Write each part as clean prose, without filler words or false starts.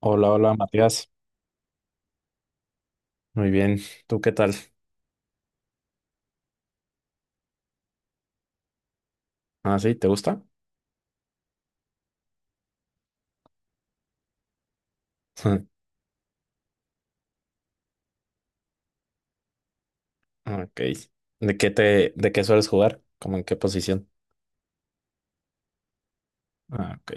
Hola, hola Matías. Muy bien. ¿Tú qué tal? Ah, sí, ¿te gusta? Ok. ¿De qué sueles jugar? ¿Cómo en qué posición? Ah, ok.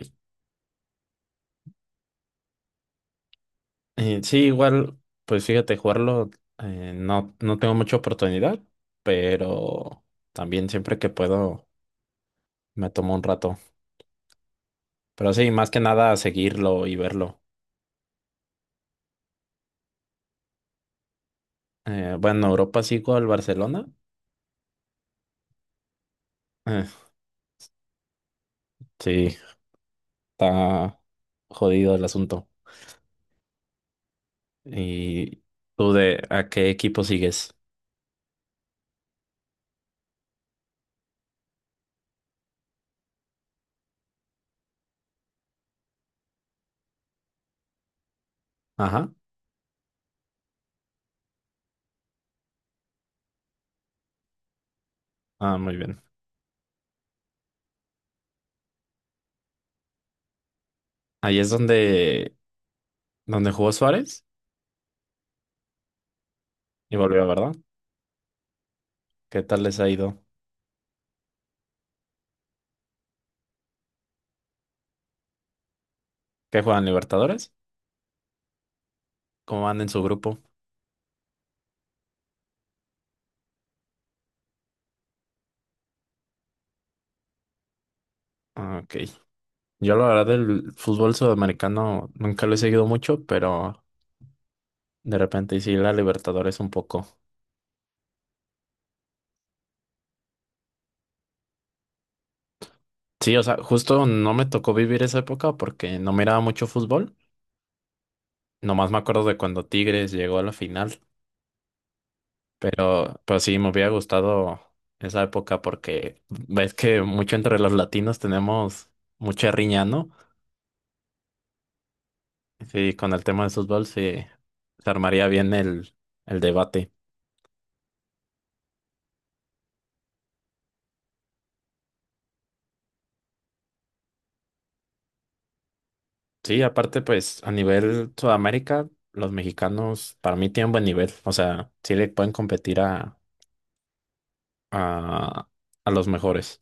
Sí, igual, pues fíjate, jugarlo no, no tengo mucha oportunidad, pero también siempre que puedo me tomo un rato. Pero sí, más que nada seguirlo y verlo. Bueno, Europa sigo al Barcelona. Eh, sí, está jodido el asunto. ¿Y tú de a qué equipo sigues? Ajá. Ah, muy bien. Ahí es donde jugó Suárez y volvió, ¿verdad? ¿Qué tal les ha ido? ¿Qué juegan Libertadores? ¿Cómo van en su grupo? Ah, ok. Yo la verdad del fútbol sudamericano nunca lo he seguido mucho, pero de repente sí la Libertadores un poco. Sí, o sea, justo no me tocó vivir esa época porque no miraba mucho fútbol. Nomás me acuerdo de cuando Tigres llegó a la final. Pero sí, me hubiera gustado esa época porque ves que mucho entre los latinos tenemos mucha riña, ¿no? Sí, con el tema del fútbol sí, se armaría bien el debate. Sí, aparte, pues a nivel Sudamérica, los mexicanos para mí tienen buen nivel. O sea, sí le pueden competir a, a los mejores.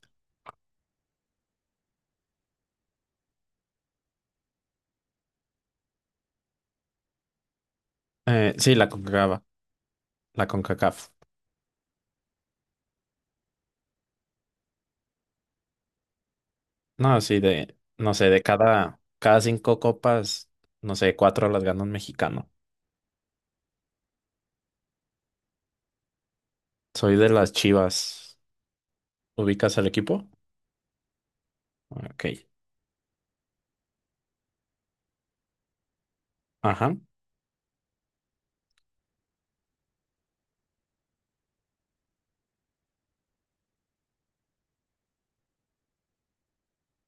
Sí, la CONCACAF. No, sí, no sé, de cada cinco copas, no sé, cuatro las ganó un mexicano. Soy de las Chivas. ¿Ubicas al equipo? Ok. Ajá.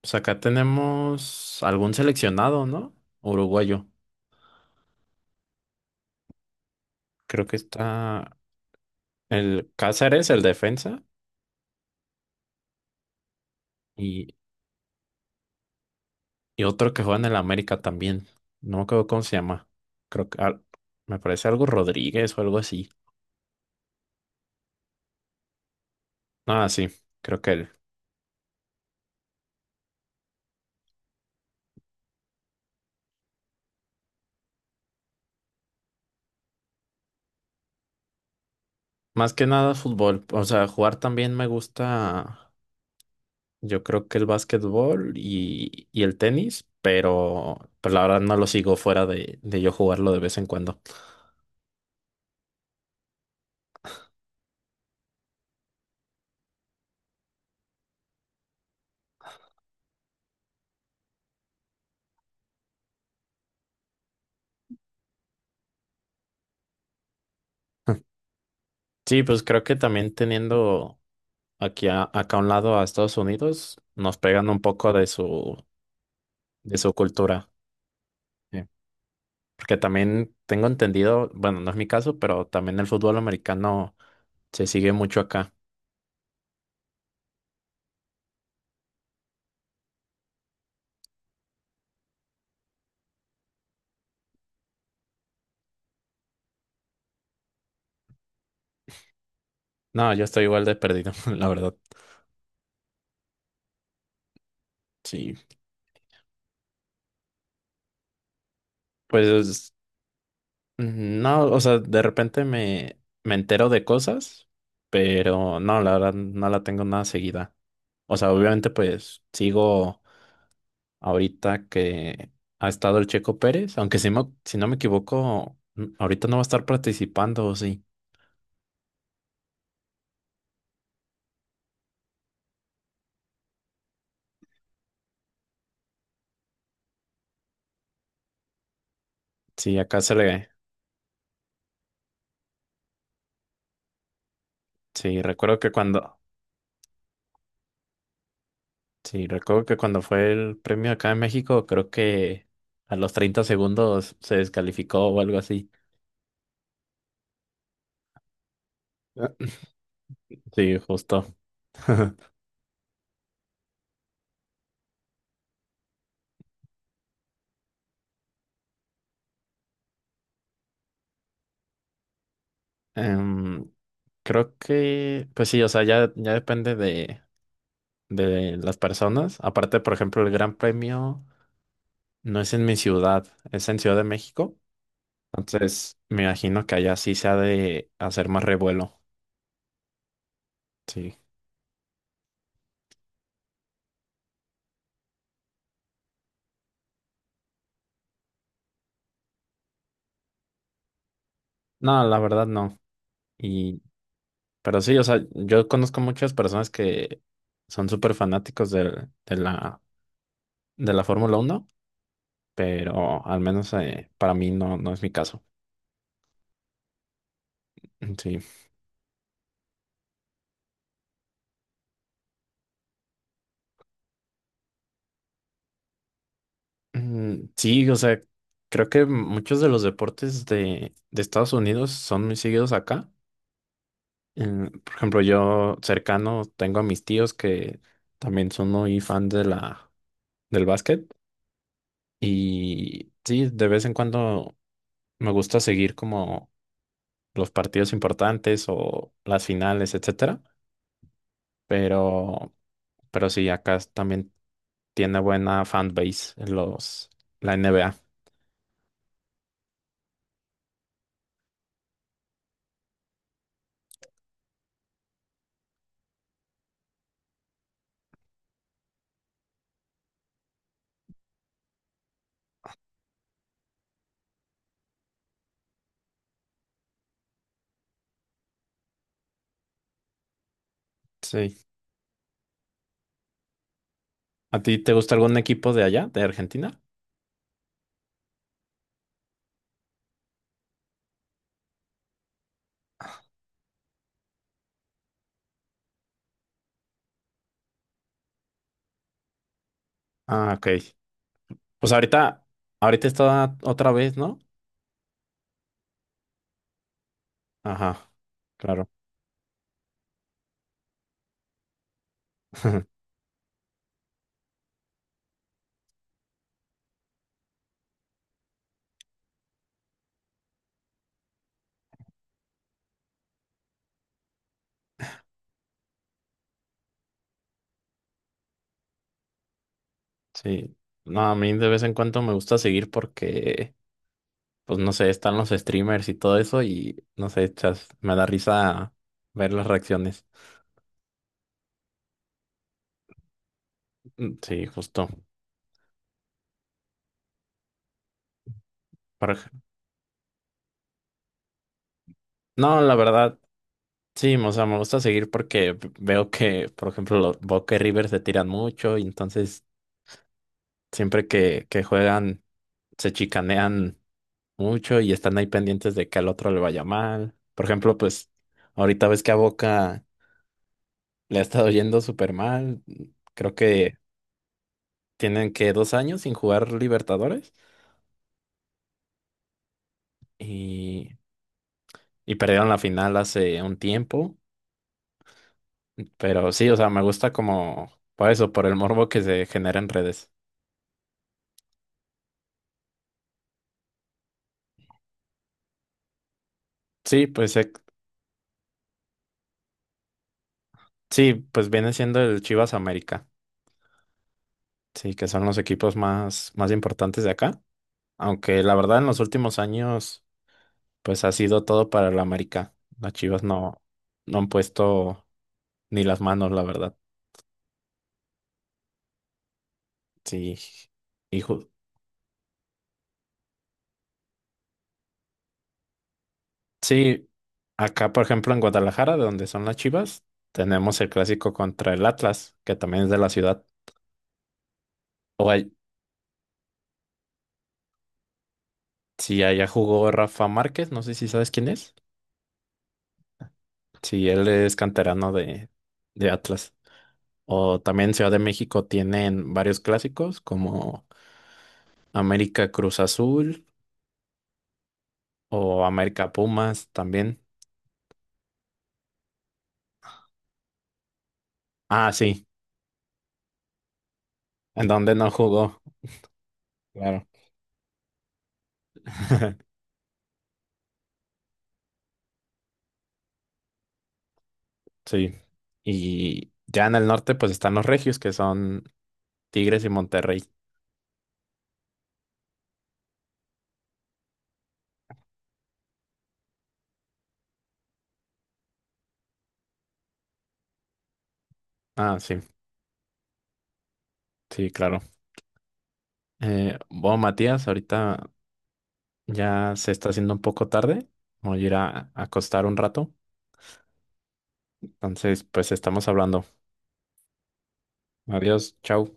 Pues acá tenemos algún seleccionado, ¿no? Uruguayo. Creo que está el Cáceres, el defensa, y, y otro que juega en el América también. No me acuerdo cómo se llama. Creo que me parece algo Rodríguez o algo así. Ah, sí, creo que él. Más que nada fútbol. O sea, jugar también me gusta. Yo creo que el básquetbol y el tenis, pero pues la verdad no lo sigo fuera de yo jugarlo de vez en cuando. Sí, pues creo que también teniendo aquí acá a un lado a Estados Unidos, nos pegan un poco de su cultura. Sí. Porque también tengo entendido, bueno, no es mi caso, pero también el fútbol americano. Se sigue mucho acá. No, yo estoy igual de perdido, la verdad. Sí. Pues no, o sea, de repente me entero de cosas, pero no, la verdad no la tengo nada seguida. O sea, obviamente pues sigo, ahorita que ha estado el Checo Pérez, aunque si no me equivoco, ahorita no va a estar participando, ¿o sí? Sí, sí, recuerdo que cuando, sí, recuerdo que cuando fue el premio acá en México, creo que a los 30 segundos se descalificó o algo así. Ah, sí, justo. Em, Creo que, pues sí, o sea, ya depende de las personas. Aparte, por ejemplo, el Gran Premio no es en mi ciudad, es en Ciudad de México. Entonces, me imagino que allá sí se ha de hacer más revuelo. Sí. No, la verdad no. Y, pero sí, o sea, yo conozco muchas personas que son súper fanáticos de la Fórmula 1, pero al menos para mí no, no es mi caso. Sí. Sí, o sea, creo que muchos de los deportes de Estados Unidos son muy seguidos acá. Por ejemplo, yo cercano tengo a mis tíos que también son muy fan del básquet. Y sí, de vez en cuando me gusta seguir como los partidos importantes o las finales, etcétera. Pero, pero sí, acá también tiene buena fanbase en la NBA. Sí. ¿A ti te gusta algún equipo de allá, de Argentina? Ah, ok. Pues ahorita está otra vez, ¿no? Ajá, claro. Sí. No, a mí de vez en cuando me gusta seguir porque pues no sé, están los streamers y todo eso y no sé, chas, me da risa ver las reacciones. Sí, justo. Por ej- no, la verdad, sí, o sea, me gusta seguir porque veo que, por ejemplo, los Boca y River se tiran mucho y entonces siempre que juegan se chicanean mucho y están ahí pendientes de que al otro le vaya mal. Por ejemplo, pues ahorita ves que a Boca le ha estado yendo súper mal. Creo que tienen que 2 años sin jugar Libertadores. Y y perdieron la final hace un tiempo, pero sí, o sea, me gusta como por eso, por el morbo que se genera en redes. Sí, pues eh, sí, pues viene siendo el Chivas América, sí, que son los equipos más importantes de acá, aunque la verdad en los últimos años pues ha sido todo para el América. Las Chivas no no han puesto ni las manos, la verdad. Sí. Y ju- Sí, acá por ejemplo en Guadalajara, de donde son las Chivas, tenemos el clásico contra el Atlas, que también es de la ciudad. O hay- si allá jugó Rafa Márquez, no sé si sabes quién es. Si él es canterano de Atlas. O también Ciudad de México tienen varios clásicos como América Cruz Azul o América Pumas también. Ah, sí, en donde no jugó, claro. Sí. Y ya en el norte pues están los regios, que son Tigres y Monterrey. Ah, sí, sí, claro. Bueno, Matías, ahorita ya se está haciendo un poco tarde. Voy a ir a acostar un rato. Entonces, pues estamos hablando. Adiós, chao.